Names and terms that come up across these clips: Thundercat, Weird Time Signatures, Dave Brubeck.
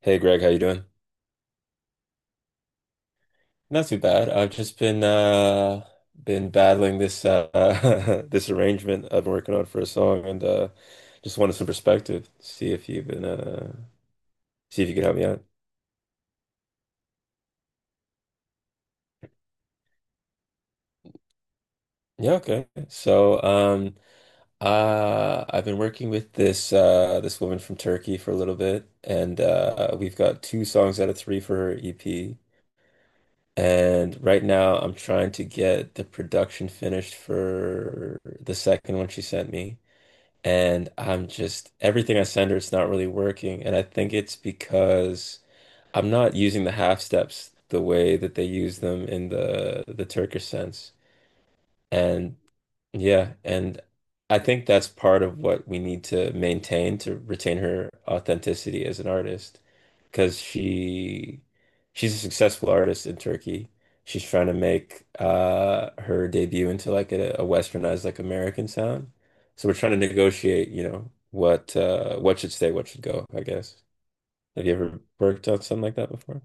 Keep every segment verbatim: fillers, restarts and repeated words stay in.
Hey Greg, how you doing? Not too bad. I've just been uh been battling this uh this arrangement I've been working on for a song and uh just wanted some perspective. See if you've been uh see if you could help me out. Yeah, okay. So um uh I've been working with this uh this woman from Turkey for a little bit and uh we've got two songs out of three for her E P. And right now, I'm trying to get the production finished for the second one she sent me. And I'm just, everything I send her, it's not really working. And I think it's because I'm not using the half steps the way that they use them in the the Turkish sense. And yeah, and I think that's part of what we need to maintain to retain her authenticity as an artist, because she she's a successful artist in Turkey. She's trying to make uh, her debut into like a, a westernized like American sound. So we're trying to negotiate, you know, what uh, what should stay, what should go, I guess. Have you ever worked on something like that before?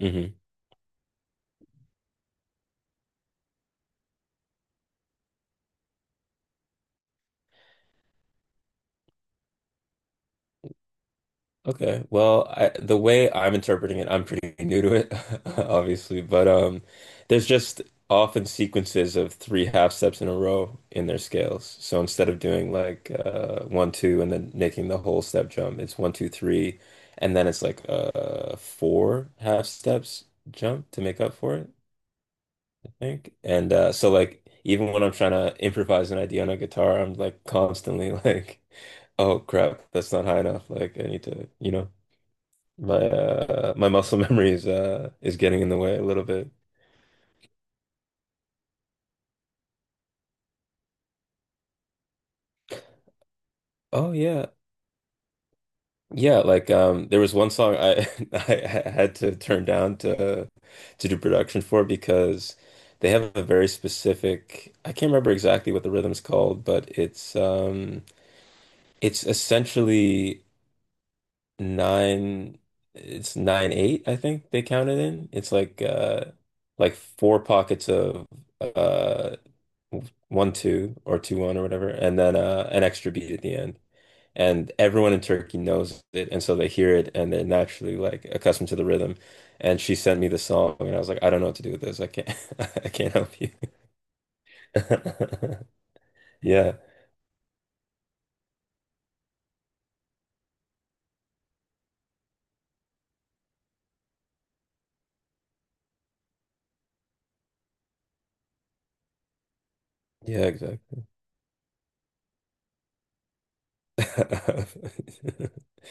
Mm-hmm. Okay. Well, I, the way I'm interpreting it, I'm pretty new to it, obviously, but um, there's just often sequences of three half steps in a row in their scales. So instead of doing like uh, one, two, and then making the whole step jump, it's one, two, three, and then it's like uh, four half steps jump to make up for it, I think. And uh, so like even when I'm trying to improvise an idea on a guitar, I'm like constantly like, oh crap, that's not high enough. Like I need to, you know. My uh my muscle memory is uh is getting in the way a little bit. Oh yeah. Yeah, like um there was one song I I had to turn down to to do production for because they have a very specific I can't remember exactly what the rhythm's called, but it's um it's essentially nine it's nine eight, I think they count it in. It's like uh like four pockets of uh one two or two one or whatever, and then uh, an extra beat at the end. And everyone in Turkey knows it, and so they hear it, and they're naturally like accustomed to the rhythm. And she sent me the song, and I was like, I don't know what to do with this. I can't, I can't help you. Yeah, yeah, exactly.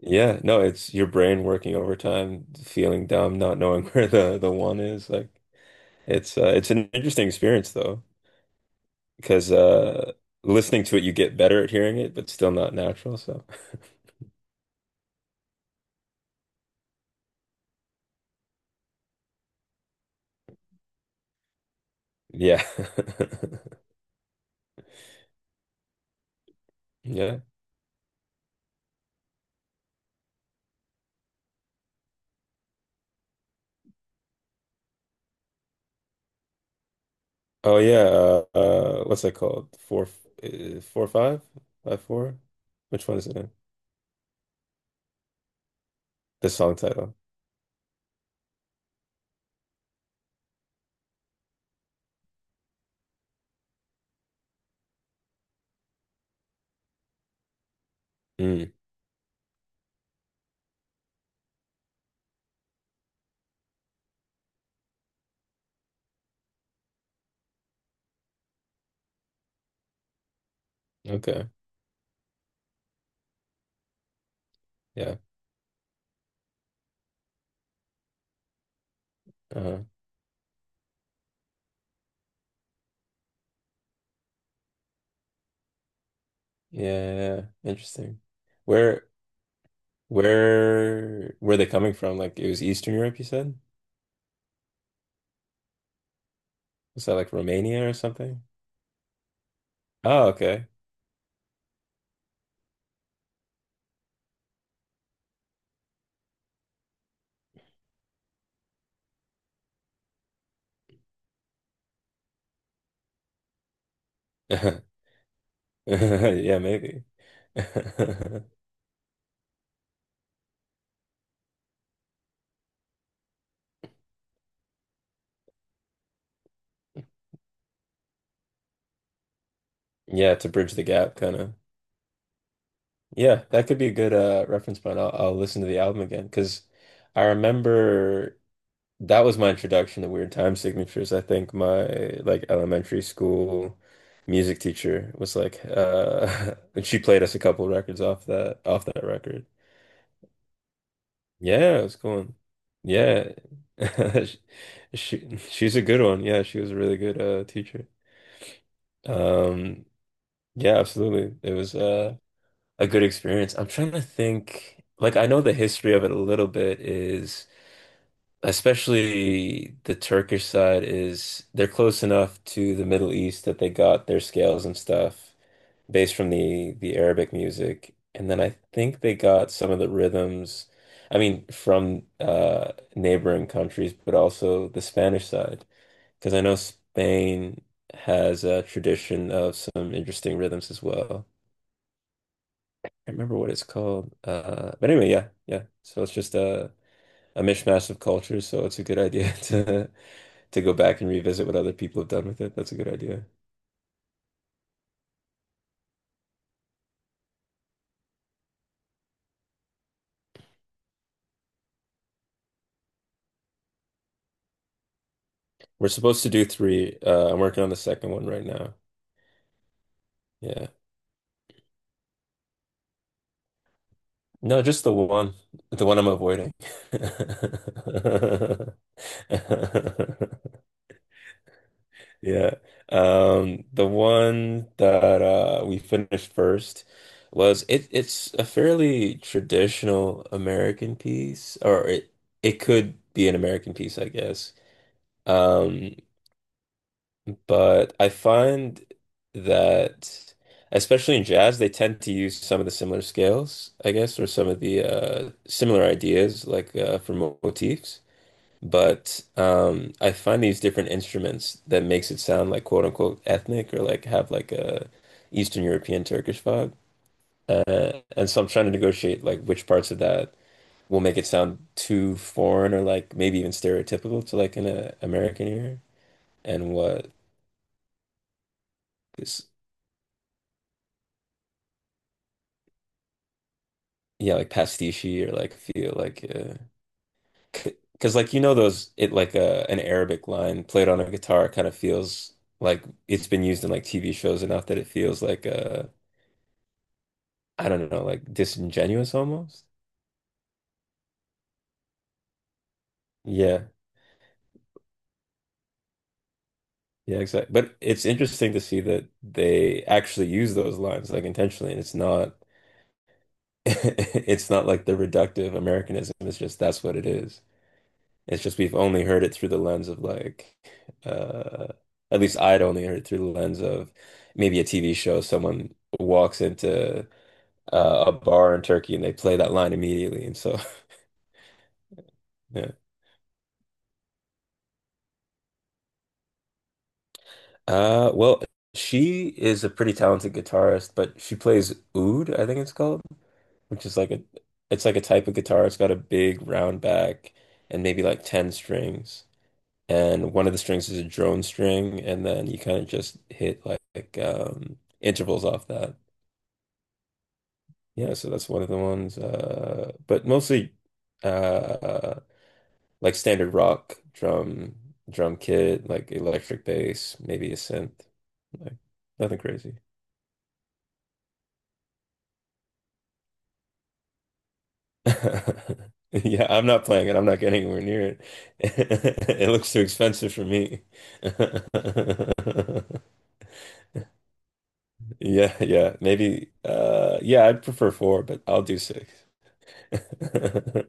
Yeah, no, it's your brain working overtime, feeling dumb, not knowing where the the one is. Like, it's uh, it's an interesting experience, though. because uh, listening to it, you get better at hearing it, but still not natural. So, yeah, yeah. Oh yeah. Uh, uh, what's that called? Four, uh, four, five, five, four. Which one is it in? The song title. Mm, okay. Yeah. Uh-huh. Yeah, yeah, yeah. Interesting. Where, where, where are they coming from? Like it was Eastern Europe, you said? Was that like Romania or something? Oh, okay. Yeah, maybe. Yeah, to bridge the gap, kind of. Yeah, that could be a good uh reference point. I'll, I'll listen to the album again because I remember that was my introduction to Weird Time Signatures. I think my like elementary school music teacher was like, uh, and she played us a couple records off that off that record. Yeah, it was cool. Yeah, she, she's a good one. Yeah, she was a really good uh teacher. Um, yeah, absolutely. It was uh. A good experience. I'm trying to think, like I know the history of it a little bit is especially the Turkish side is they're close enough to the Middle East that they got their scales and stuff based from the the Arabic music. And then I think they got some of the rhythms, I mean, from uh neighboring countries, but also the Spanish side. Because I know Spain has a tradition of some interesting rhythms as well can't remember what it's called. Uh, but anyway, yeah, yeah. So it's just a a mishmash of cultures. So it's a good idea to to go back and revisit what other people have done with it. That's a good idea. We're supposed to do three. Uh, I'm working on the second one right now. Yeah. No, just the one, the one I'm avoiding. Yeah. Um, the one that uh we finished first was it it's a fairly traditional American piece, or it it could be an American piece, I guess. Um, but I find that especially in jazz, they tend to use some of the similar scales, I guess, or some of the uh similar ideas like uh for motifs. But um, I find these different instruments that makes it sound like quote unquote ethnic or like have like a Eastern European Turkish vibe. Uh, and so I'm trying to negotiate like which parts of that will make it sound too foreign or like maybe even stereotypical to like an uh, American ear and what is yeah like pastiche or like feel like uh, because like you know those it like uh, an Arabic line played on a guitar kind of feels like it's been used in like T V shows enough that it feels like uh, I don't know, like disingenuous almost. Yeah, yeah, exactly. But it's interesting to see that they actually use those lines like intentionally, and it's not it's not like the reductive Americanism. It's just that's what it is. It's just we've only heard it through the lens of like uh at least I'd only heard it through the lens of maybe a T V show. Someone walks into uh, a bar in Turkey and they play that line immediately, and so yeah. Uh, well, she is a pretty talented guitarist, but she plays oud, I think it's called, which is like a it's like a type of guitar. It's got a big round back and maybe like ten strings. And one of the strings is a drone string, and then you kind of just hit like, um intervals off that. Yeah, so that's one of the ones. Uh but mostly uh like standard rock drum drum kit, like electric bass, maybe a synth. Like nothing crazy. Yeah, I'm not playing it. I'm not getting anywhere near it. It looks too expensive for me. Yeah, yeah. Maybe uh yeah, I'd prefer four, but I'll do six.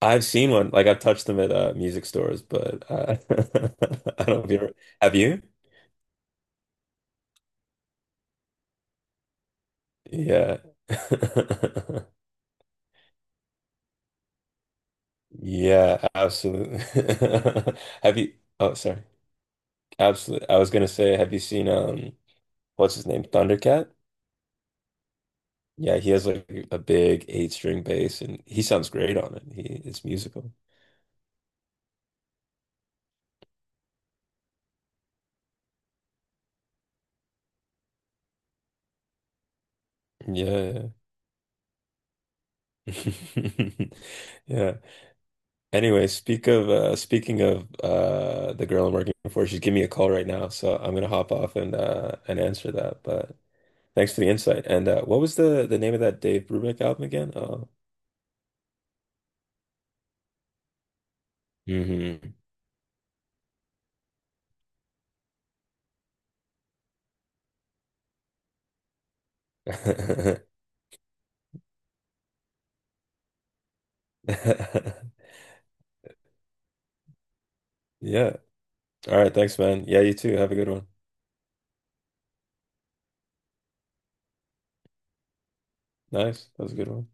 I've seen one. Like I've touched them at uh music stores, but uh, I don't know if you ever have you? Yeah. Yeah, absolutely. Have you Oh, sorry. Absolutely. I was gonna say, have you seen um what's his name? Thundercat? Yeah, he has like a big eight string bass and he sounds great on it. He it's musical. Yeah. Yeah. Anyway, speak of uh speaking of uh the girl I'm working for, she's giving me a call right now, so I'm gonna hop off and uh and answer that. But thanks for the insight. And uh what was the the name of that Dave Brubeck album again? Oh. Hmm. Yeah. All right, thanks, man. Yeah, you too. Have a good one. Nice. That was a good one.